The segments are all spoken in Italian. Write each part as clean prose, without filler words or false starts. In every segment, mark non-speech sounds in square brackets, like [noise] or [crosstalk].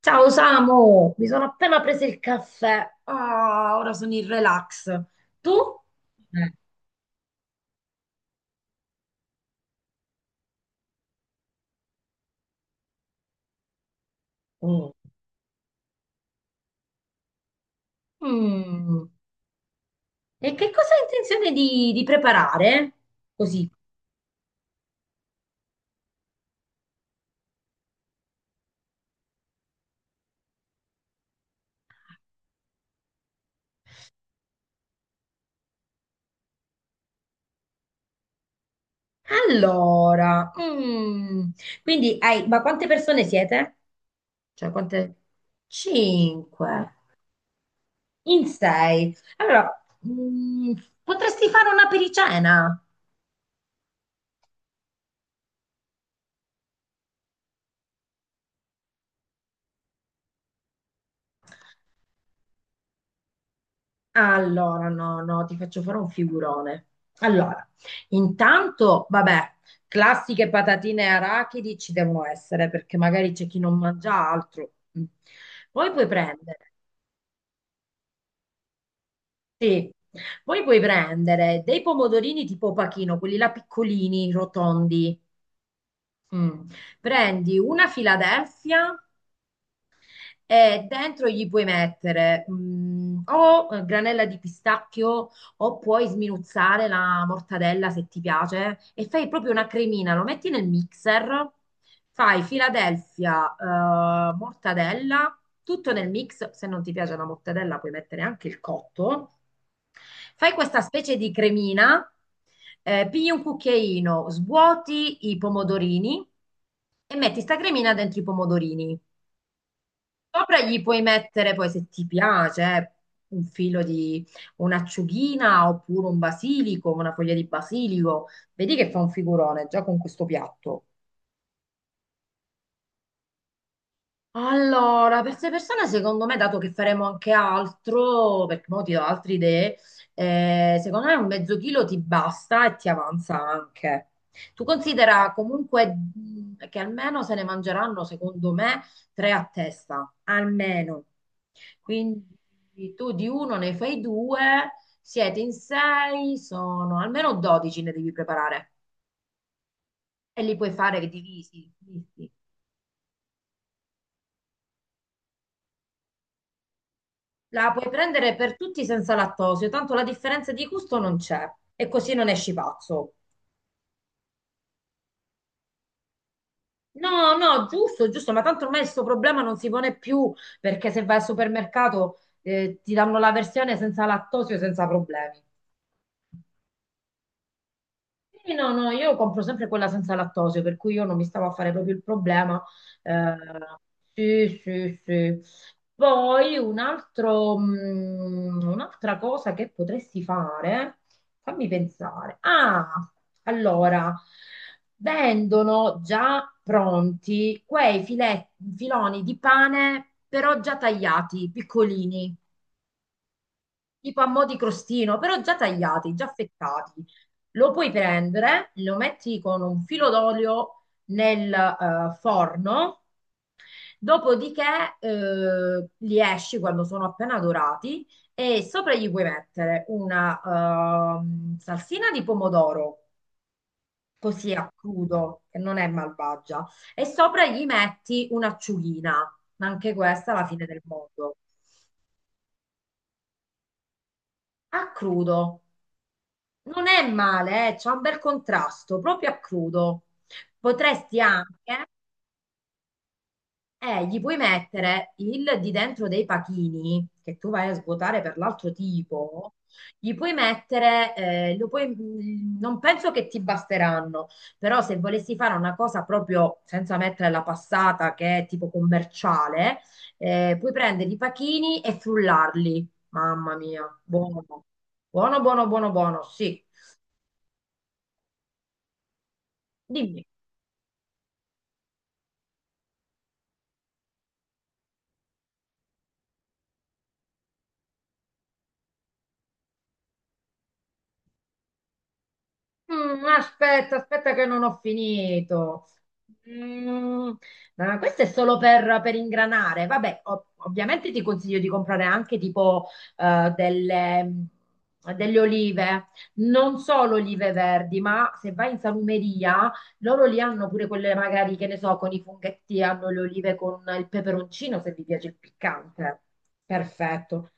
Ciao Samu, mi sono appena preso il caffè. Ah, ora sono in relax. Tu? Eh, oh. Mm. E che cosa hai intenzione di preparare? Così. Allora, mm. Quindi hai, ma quante persone siete? Cioè, quante? Cinque. In sei. Allora, mm, potresti fare una pericena? Allora, no, no, ti faccio fare un figurone. Allora, intanto, vabbè, classiche patatine e arachidi ci devono essere perché magari c'è chi non mangia altro. Mm. Poi puoi prendere, sì, poi puoi prendere dei pomodorini tipo pachino, quelli là piccolini, rotondi. Mm. Prendi una Philadelphia. E dentro gli puoi mettere mm, o granella di pistacchio o puoi sminuzzare la mortadella se ti piace e fai proprio una cremina, lo metti nel mixer, fai Philadelphia, mortadella, tutto nel mix. Se non ti piace la mortadella puoi mettere anche il cotto, fai questa specie di cremina, pigli un cucchiaino, svuoti i pomodorini e metti sta cremina dentro i pomodorini. Sopra gli puoi mettere poi, se ti piace, un filo di un'acciughina oppure un basilico, una foglia di basilico. Vedi che fa un figurone già con questo piatto. Allora, per queste persone, secondo me, dato che faremo anche altro, perché mo ti do altre idee, secondo me un mezzo chilo ti basta e ti avanza anche. Tu considera comunque che almeno se ne mangeranno, secondo me, tre a testa, almeno. Quindi tu di uno ne fai due, siete in sei, sono almeno 12 ne devi preparare, e li puoi fare divisi. La puoi prendere per tutti senza lattosio, tanto la differenza di gusto non c'è e così non esci pazzo. No, no, giusto, giusto, ma tanto ormai questo problema non si pone più perché se vai al supermercato ti danno la versione senza lattosio, senza problemi. Sì, no, no, io compro sempre quella senza lattosio, per cui io non mi stavo a fare proprio il problema. Eh, sì, sì, sì. Poi un altro, un'altra cosa che potresti fare, fammi pensare. Ah, allora, vendono già pronti quei filoni di pane, però già tagliati, piccolini, tipo a mo' di crostino, però già tagliati, già affettati. Lo puoi prendere, lo metti con un filo d'olio nel forno, dopodiché li esci quando sono appena dorati e sopra gli puoi mettere una salsina di pomodoro. Così a crudo, che non è malvagia, e sopra gli metti un'acciughina, ma anche questa è la fine del mondo. A crudo. Non è male, c'è un bel contrasto, proprio a crudo. Potresti anche, gli puoi mettere il di dentro dei pachini, che tu vai a svuotare per l'altro tipo, gli puoi mettere, non penso che ti basteranno, però se volessi fare una cosa proprio senza mettere la passata, che è tipo commerciale, puoi prendere i pachini e frullarli. Mamma mia, buono, buono, buono, buono, buono, sì. Dimmi. Mm, aspetta che non ho finito. Mm, ah, questo è solo per ingranare. Vabbè, ovviamente ti consiglio di comprare anche tipo eh, delle, mm, delle olive, non solo olive verdi, ma se vai in salumeria, loro li hanno pure quelle magari, che ne so, con i funghetti, hanno le olive con il peperoncino, se vi piace il piccante. Perfetto.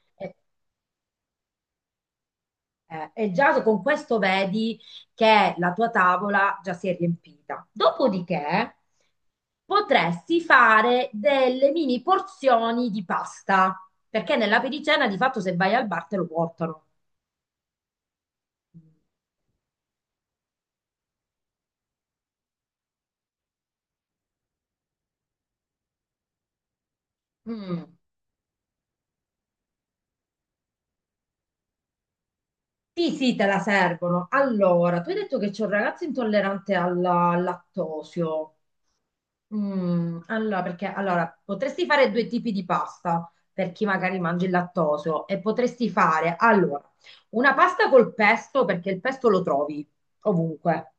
E già con questo vedi che la tua tavola già si è riempita. Dopodiché potresti fare delle mini porzioni di pasta, perché nella pericena di fatto se vai al bar te lo portano. Mm. Sì, sì, te la servono. Allora, tu hai detto che c'è un ragazzo intollerante al lattosio. Mm, allora, perché allora, potresti fare due tipi di pasta per chi magari mangia il lattosio e potresti fare allora una pasta col pesto perché il pesto lo trovi ovunque.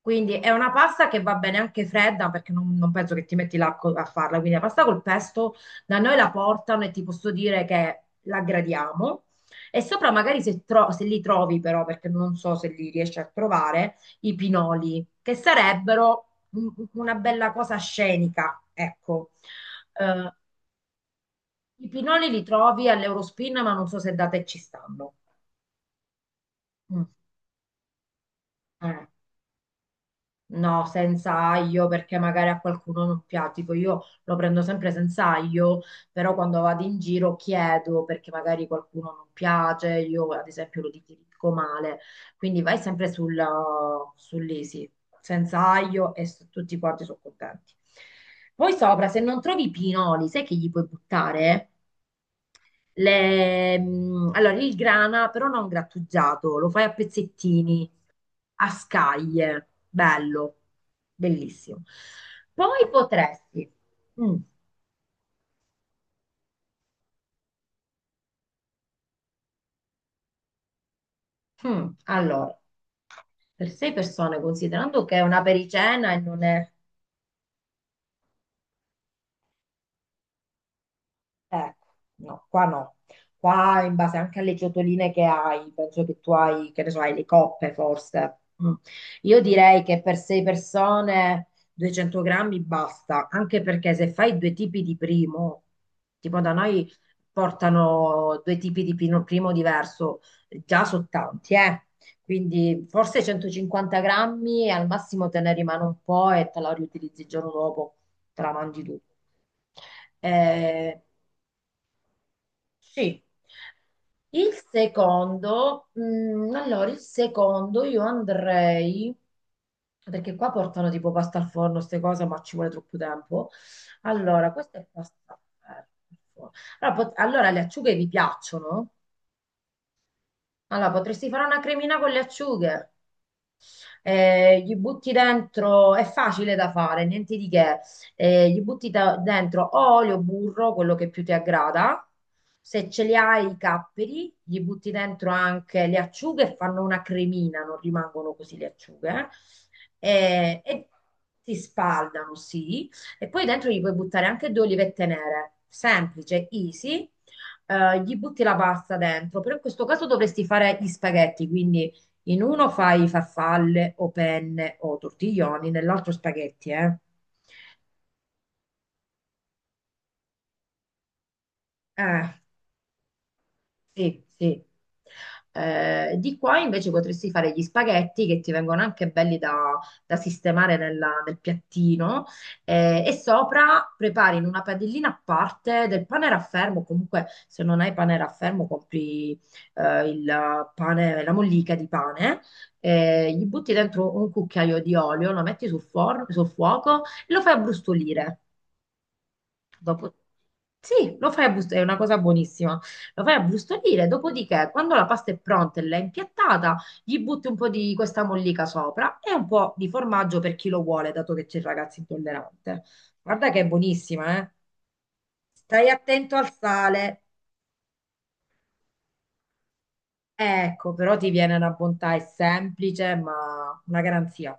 Quindi è una pasta che va bene anche fredda perché non penso che ti metti là a farla. Quindi la pasta col pesto da noi la portano e ti posso dire che la gradiamo. E sopra magari se, se li trovi però, perché non so se li riesci a trovare, i pinoli, che sarebbero una bella cosa scenica, ecco. Eh, i pinoli li trovi all'Eurospin, ma non so se da te ci stanno. Mm. Eh. No, senza aglio perché magari a qualcuno non piace. Tipo io lo prendo sempre senza aglio, però quando vado in giro chiedo perché magari qualcuno non piace, io ad esempio lo dico male. Quindi vai sempre sull'easy, senza aglio e tutti quanti sono contenti. Poi sopra, se non trovi i pinoli, sai che gli puoi buttare? Allora, il grana, però non grattugiato, lo fai a pezzettini, a scaglie, bello, bellissimo. Poi potresti, mm, allora, per sei persone, considerando che è una pericena e non è... Ecco, no, qua no. Qua in base anche alle ciotoline che hai, penso che tu hai, che ne so, hai le coppe forse. Mm. Io direi che per sei persone 200 grammi basta, anche perché se fai due tipi di primo, tipo da noi portano due tipi di primo diverso, già sono tanti, eh. Quindi forse 150 grammi e al massimo te ne rimane un po' e te la riutilizzi il giorno dopo, te la mangi tu. Eh, sì. Il secondo, allora il secondo io andrei, perché qua portano tipo pasta al forno, queste cose, ma ci vuole troppo tempo. Allora, questa è pasta al forno. Allora, allora, le acciughe vi piacciono? Allora, potresti fare una cremina con le acciughe, gli butti dentro, è facile da fare, niente di che, gli butti dentro o olio, burro, quello che più ti aggrada, se ce li hai i capperi, gli butti dentro anche le acciughe e fanno una cremina, non rimangono così le acciughe, e si spaldano, sì, e poi dentro gli puoi buttare anche due olivette nere, semplice, easy, gli butti la pasta dentro, però in questo caso dovresti fare gli spaghetti, quindi in uno fai farfalle o penne o tortiglioni, nell'altro spaghetti, eh? Eh. Sì, sì. Di qua invece potresti fare gli spaghetti che ti vengono anche belli da sistemare nel piattino, e sopra prepari in una padellina a parte del pane raffermo. Comunque se non hai pane raffermo compri il pane, la mollica di pane, gli butti dentro un cucchiaio di olio, lo metti sul, sul fuoco e lo fai abbrustolire. Dopo... Sì, lo fai a brustolire, è una cosa buonissima. Lo fai a brustolire, dopodiché, quando la pasta è pronta e l'hai impiattata, gli butti un po' di questa mollica sopra e un po' di formaggio per chi lo vuole, dato che c'è il ragazzo intollerante. Guarda che è buonissima, eh? Stai attento al sale. Ecco, però ti viene una bontà, è semplice, ma una garanzia.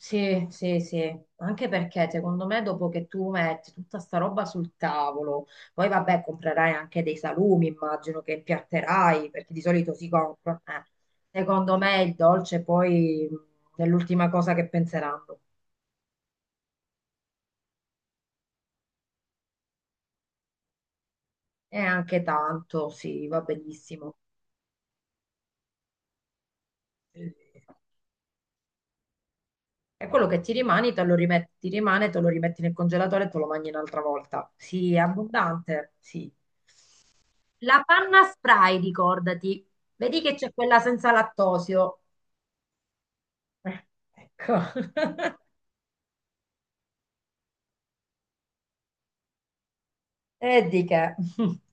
Sì, sì, sì, anche perché secondo me dopo che tu metti tutta sta roba sul tavolo, poi vabbè comprerai anche dei salumi, immagino che impiatterai, perché di solito si compra, eh. Secondo me il dolce poi è l'ultima cosa che penseranno. E anche tanto, sì, va benissimo. Eh, E quello che ti rimane, te lo rimetti, ti rimane, te lo rimetti nel congelatore e te lo mangi un'altra volta. Sì, è abbondante, sì. La panna spray, ricordati. Vedi che c'è quella senza lattosio. Eh, ecco. [laughs] E di che? [laughs]